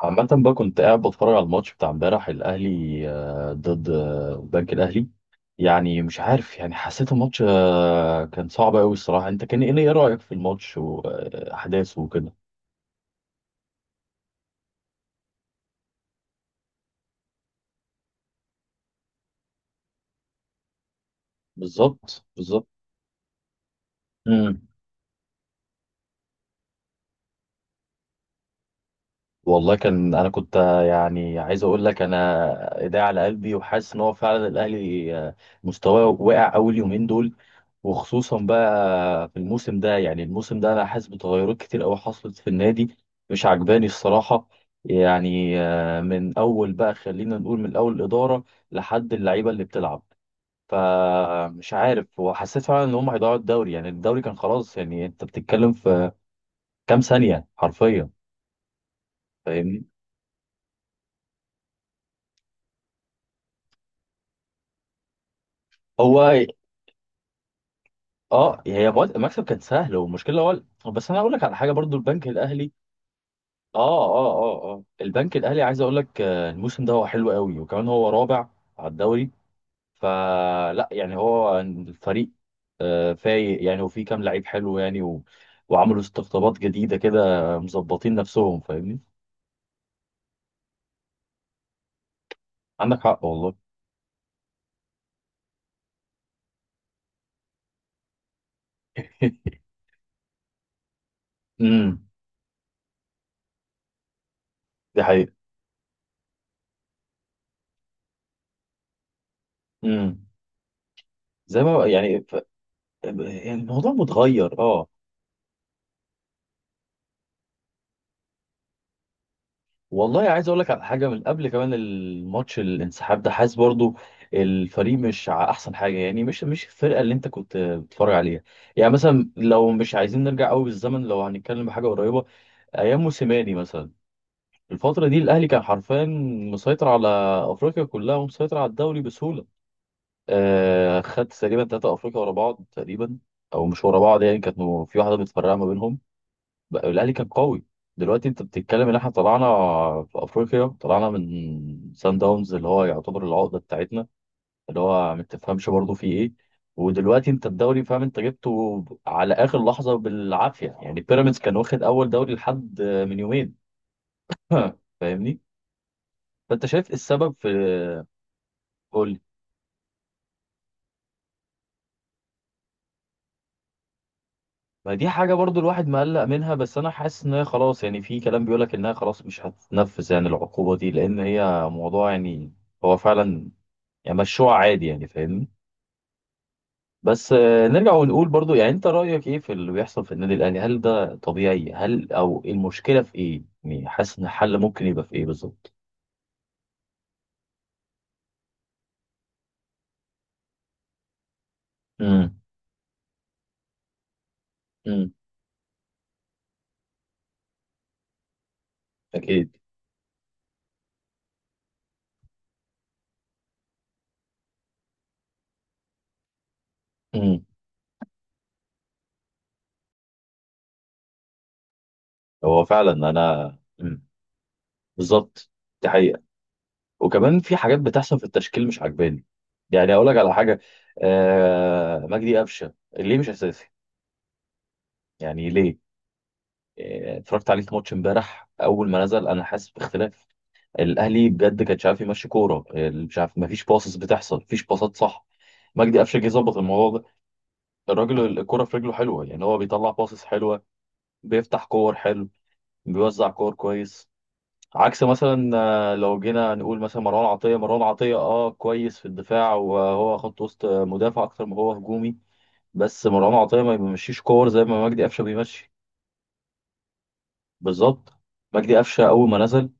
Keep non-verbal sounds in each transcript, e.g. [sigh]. عامة بقى كنت قاعد بتفرج على الماتش بتاع امبارح الأهلي ضد البنك الأهلي. يعني مش عارف، يعني حسيت الماتش كان صعب أوي الصراحة. أنت كان إيه رأيك في الماتش وأحداثه وكده؟ بالظبط بالظبط. مم. والله كان أنا كنت يعني عايز أقول لك، أنا إيدي على قلبي وحاسس إن هو فعلا الأهلي مستواه واقع أول يومين دول. وخصوصا بقى في الموسم ده، يعني الموسم ده انا حاسس بتغيرات كتير قوي حصلت في النادي، مش عجباني الصراحه. يعني من اول بقى خلينا نقول من اول الاداره لحد اللعيبه اللي بتلعب. فمش عارف، وحسيت فعلا ان هم هيضيعوا الدوري، يعني الدوري كان خلاص، يعني انت بتتكلم في كام ثانيه حرفيا. فاهمني. هو اه، هي مكسب كان سهل، والمشكله هو، بس انا اقول لك على حاجه برضو البنك الاهلي. اه اه اه اه، البنك الاهلي عايز اقول لك الموسم ده هو حلو قوي، وكمان هو رابع على الدوري. فلا، يعني هو الفريق فايق يعني، وفي كام لعيب حلو يعني وعملوا استقطابات جديده كده، مظبطين نفسهم. فاهمني. عندك حق والله. [laughs] امم. دي حقيقة. امم. زي ما يعني يعني الموضوع متغير، اه. والله عايز اقول لك على حاجه، من قبل كمان الماتش الانسحاب ده حاسس برضو الفريق مش احسن حاجه، يعني مش الفرقه اللي انت كنت بتتفرج عليها. يعني مثلا لو مش عايزين نرجع قوي بالزمن، لو هنتكلم بحاجه قريبه، ايام موسيماني مثلا الفتره دي الاهلي كان حرفيا مسيطر على افريقيا كلها ومسيطر على الدوري بسهوله. آه، خد تقريبا 3 افريقيا ورا بعض تقريبا، او مش ورا بعض يعني، كانت في واحده متفرقه ما بينهم. بقى الاهلي كان قوي. دلوقتي انت بتتكلم ان احنا طلعنا في افريقيا، طلعنا من سان داونز اللي هو يعتبر العقده بتاعتنا، اللي هو ما تفهمش برضه فيه ايه. ودلوقتي انت الدوري، فاهم انت جبته على اخر لحظه بالعافيه، يعني بيراميدز كان واخد اول دوري لحد من يومين. [laughs] فاهمني. فانت شايف إيه السبب في؟ قول لي. ما دي حاجه برضه الواحد مقلق منها، بس انا حاسس ان هي خلاص، يعني في كلام بيقول لك انها خلاص مش هتتنفذ، يعني العقوبه دي، لان هي موضوع يعني هو فعلا، يعني مشروع عادي يعني. فاهمني. بس نرجع ونقول برضو، يعني انت رأيك ايه في اللي بيحصل في النادي الاهلي؟ هل ده طبيعي؟ هل او المشكلة في ايه؟ يعني حاسس ان الحل ممكن يبقى في ايه بالظبط؟ امم. امم. اكيد. امم. هو فعلا انا. مم. بالظبط. دي حقيقة. وكمان في حاجات بتحصل في التشكيل مش عجباني. يعني اقول لك على حاجة. آه، مجدي قفشة ليه مش اساسي؟ يعني ليه؟ اتفرجت عليه في ماتش امبارح اول ما نزل، انا حاسس باختلاف. الاهلي بجد كان مش عارف يمشي كوره، مش عارف، مفيش باصص بتحصل، مفيش باصات صح. مجدي قفشه جه يظبط الموضوع ده، الراجل الكوره في رجله حلوه، يعني هو بيطلع باصص حلوه، بيفتح كور حلو، بيوزع كور كويس. عكس مثلا لو جينا نقول مثلا مروان عطيه، مروان عطيه اه كويس في الدفاع، وهو خط وسط مدافع اكتر ما هو هجومي. بس مروان عطيه ما بيمشيش كور زي ما مجدي قفشه بيمشي. بالظبط. مجدي قفشه اول ما نزل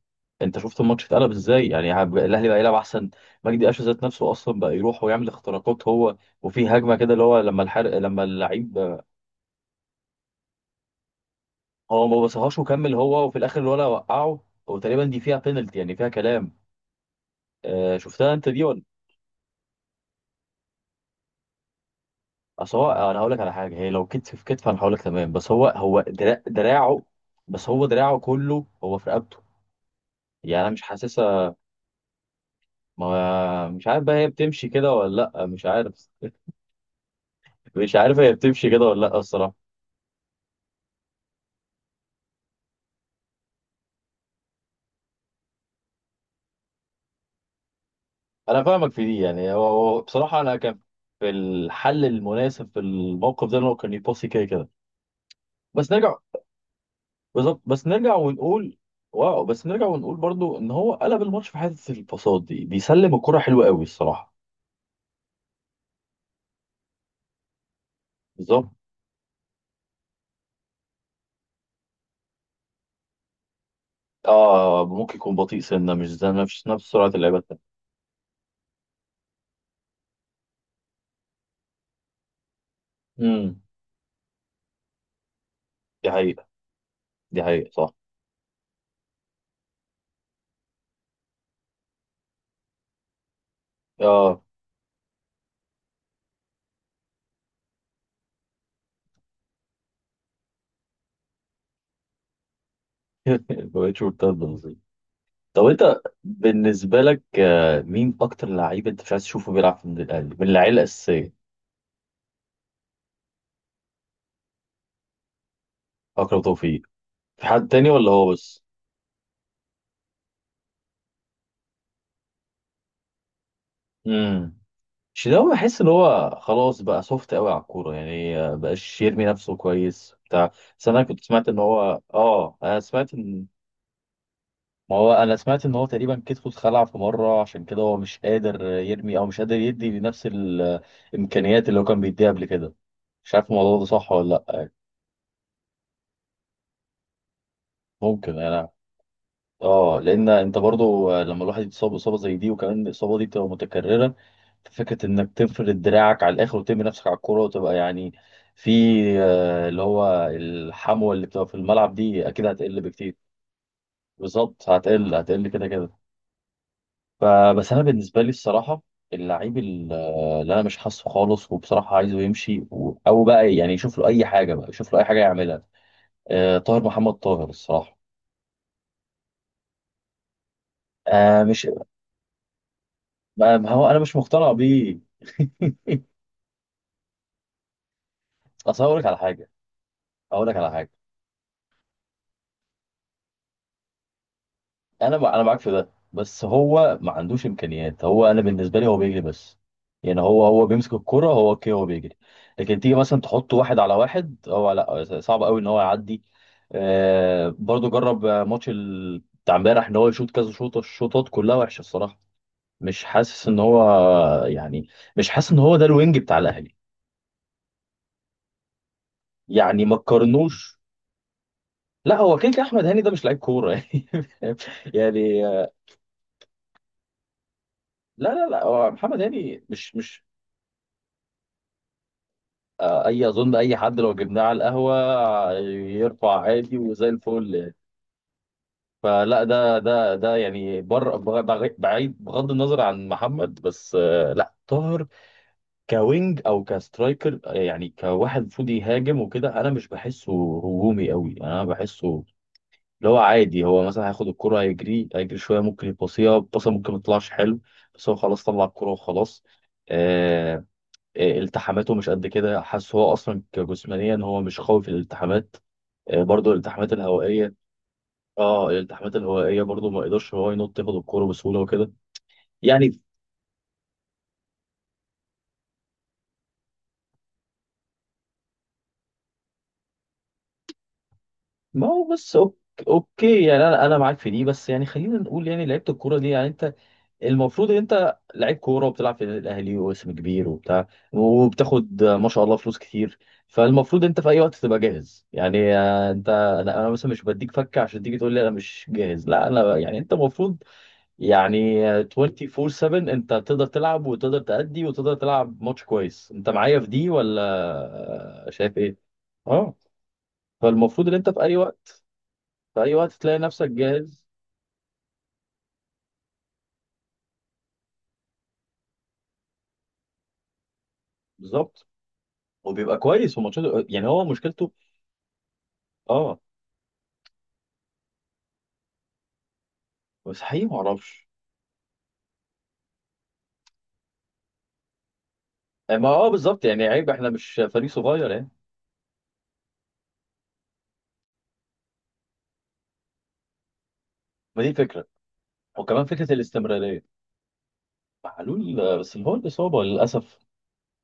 انت شفت الماتش اتقلب ازاي، يعني الاهلي بقى يلعب احسن. مجدي قفشه ذات نفسه اصلا بقى يروح ويعمل اختراقات هو، وفي هجمه كده اللي هو لما الحرق لما اللعيب. هو ما بصهاش وكمل هو، وفي الاخر الولا وقعه، وتقريبا دي فيها بينالتي يعني، فيها كلام. آه، شفتها انت دي ولا؟ اصل هو، انا هقول لك على حاجه، هي لو كتف في كتف انا هقول لك تمام، بس هو هو دراعه، بس هو دراعه كله هو في رقبته، يعني انا مش حاسسها. ما مش عارف بقى هي بتمشي كده ولا لا، مش عارف. مش عارف هي بتمشي كده ولا لا الصراحه. انا فاهمك في دي، يعني هو هو بصراحه انا كان في الحل المناسب في الموقف ده ان هو كان يباصي كده كده. بس نرجع، بالظبط، بس نرجع ونقول، واو، بس نرجع ونقول برضو ان هو قلب الماتش في حته الباصات دي، بيسلم الكره حلوه قوي الصراحه. بالظبط. اه، ممكن يكون بطيء، سنه مش زي نفس نفس سرعه اللعيبه التانيه. امم. دي حقيقه. دي حقيقه صح. اه. [laughs] ما بقتش مرتده. طب انت بالنسبه لك مين اكتر لعيب انت مش عايز تشوفه بيلعب في النادي الاهلي من اللعيبه الاساسيه؟ اكرم توفيق. في حد تاني ولا هو بس؟ امم. شيداوي بحس ان هو خلاص بقى سوفت قوي على الكوره، يعني بقاش يرمي نفسه كويس بتاع. بس انا كنت سمعت ان هو اه، انا سمعت ان، ما هو انا سمعت ان هو تقريبا كتفه اتخلع في مره، عشان كده هو مش قادر يرمي، او مش قادر يدي بنفس الامكانيات اللي هو كان بيديها قبل كده. مش عارف الموضوع ده صح ولا لا. ممكن انا. اه، لان انت برضو لما الواحد يتصاب اصابه زي دي، وكمان الاصابه دي بتبقى متكرره، فكره انك تفرد دراعك على الاخر وترمي نفسك على الكوره وتبقى يعني في اللي هو الحموه اللي بتبقى في الملعب دي اكيد هتقل بكتير. بالظبط، هتقل هتقل كده كده. فبس انا بالنسبه لي الصراحه، اللعيب اللي انا مش حاسه خالص، وبصراحه عايزه يمشي او بقى يعني يشوف له اي حاجه، بقى يشوف له اي حاجه يعملها. طاهر محمد طاهر الصراحه. آه، مش. ما ما هو انا مش مقتنع بيه. [laughs] اصل هقول لك على حاجه. هقول لك على حاجه انا انا معاك في ده، بس هو ما عندوش امكانيات، هو انا بالنسبه لي هو بيجري بس، يعني هو هو بيمسك الكرة، هو اوكي هو بيجري. لكن تيجي مثلا تحط واحد على واحد، هو لا، صعب قوي ان هو يعدي. آه، برضو جرب ماتش بتاع امبارح ان هو يشوط كذا شوطه، الشوطات كلها وحشه الصراحه. مش حاسس ان هو يعني، مش حاسس ان هو ده الوينج بتاع الاهلي، يعني ما تقارنوش. لا هو كيك، احمد هاني ده مش لعيب كوره. [laughs] يعني لا لا لا، هو محمد هاني مش مش. اي اظن اي حد لو جبناه على القهوه يرفع عادي وزي الفل يعني. فلا ده ده يعني، بر بعيد بغض النظر عن محمد، بس لا طاهر، كوينج او كسترايكر، يعني كواحد المفروض يهاجم وكده، انا مش بحسه هجومي قوي، انا بحسه اللي هو عادي. هو مثلا هياخد الكرة، هيجري هيجري شويه، ممكن يباصيها باصه، ممكن ما تطلعش حلو، بس هو خلاص طلع الكرة وخلاص. آه، التحاماته مش قد كده، حاسس هو اصلا كجسمانيا هو مش قوي في الالتحامات. برضه الالتحامات الهوائيه. اه، الالتحامات الهوائيه برضه ما يقدرش هو ينط ياخد الكوره بسهوله وكده يعني. ما هو بس اوكي، يعني انا معاك في دي، بس يعني خلينا نقول يعني لعيبه الكوره دي، يعني انت المفروض ان انت لعيب كوره وبتلعب في النادي الاهلي، واسم كبير وبتاع، وبتاخد ما شاء الله فلوس كتير. فالمفروض انت في اي وقت تبقى جاهز، يعني انت انا، أنا مثلا مش بديك فكه عشان تيجي تقول لي انا مش جاهز، لا انا يعني انت المفروض يعني 24/7 انت تقدر تلعب وتقدر تأدي وتقدر تلعب ماتش كويس. انت معايا في دي ولا؟ شايف ايه؟ اه. فالمفروض ان انت في اي وقت، في اي وقت تلاقي نفسك جاهز. بالظبط، وبيبقى كويس، وماتشاته يعني هو مشكلته. اه. بس حقيقي ما اعرفش. ما اه، بالظبط، يعني عيب احنا مش فريق صغير يعني. ما دي فكرة. وكمان فكرة الاستمرارية، معلول بس اللي هو الإصابة للأسف.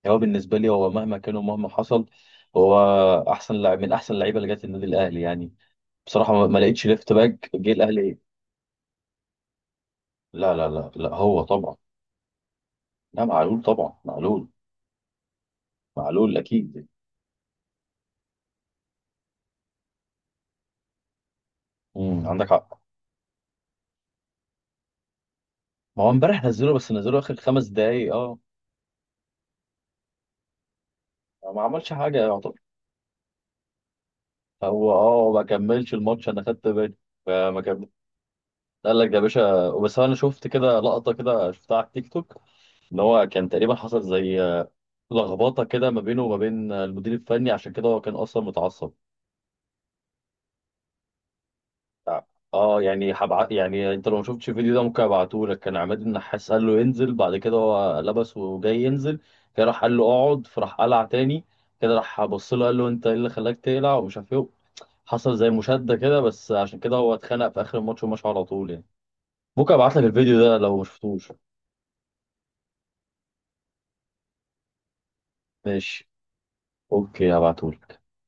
يعني هو بالنسبة لي هو مهما كان ومهما حصل هو أحسن لاعب من أحسن اللعيبة اللي جت النادي الأهلي، يعني بصراحة ما ما لقيتش ليفت باك جه الأهلي. لا لا لا لا، هو طبعا. لا معلول طبعا، معلول. معلول أكيد. امم، عندك حق. ما هو امبارح نزله، بس نزله آخر 5 دقايق أه. ما عملش حاجة يعتبر. هو أه، ما كملش الماتش أنا خدت بالي، فما كمل. قال لك ده يا باشا، بس أنا شفت كده لقطة، كده شفتها على التيك توك، إن هو كان تقريبا حصل زي لخبطه كده ما بينه وما بين المدير الفني، عشان كده هو كان اصلا متعصب. اه، يعني يعني انت لو ما شفتش الفيديو ده ممكن ابعته لك. كان عماد النحاس قال له ينزل، بعد كده هو لبس وجاي ينزل كده، راح قال له اقعد، فراح قلع تاني كده، راح بص له قال له انت ايه اللي خلاك تقلع ومش عارف ايه. حصل زي مشادة كده، بس عشان كده هو اتخانق في اخر الماتش ومشى على طول يعني. ممكن ابعت لك الفيديو ده لو ما شفتوش. ماشي. اوكي، هبعته لك.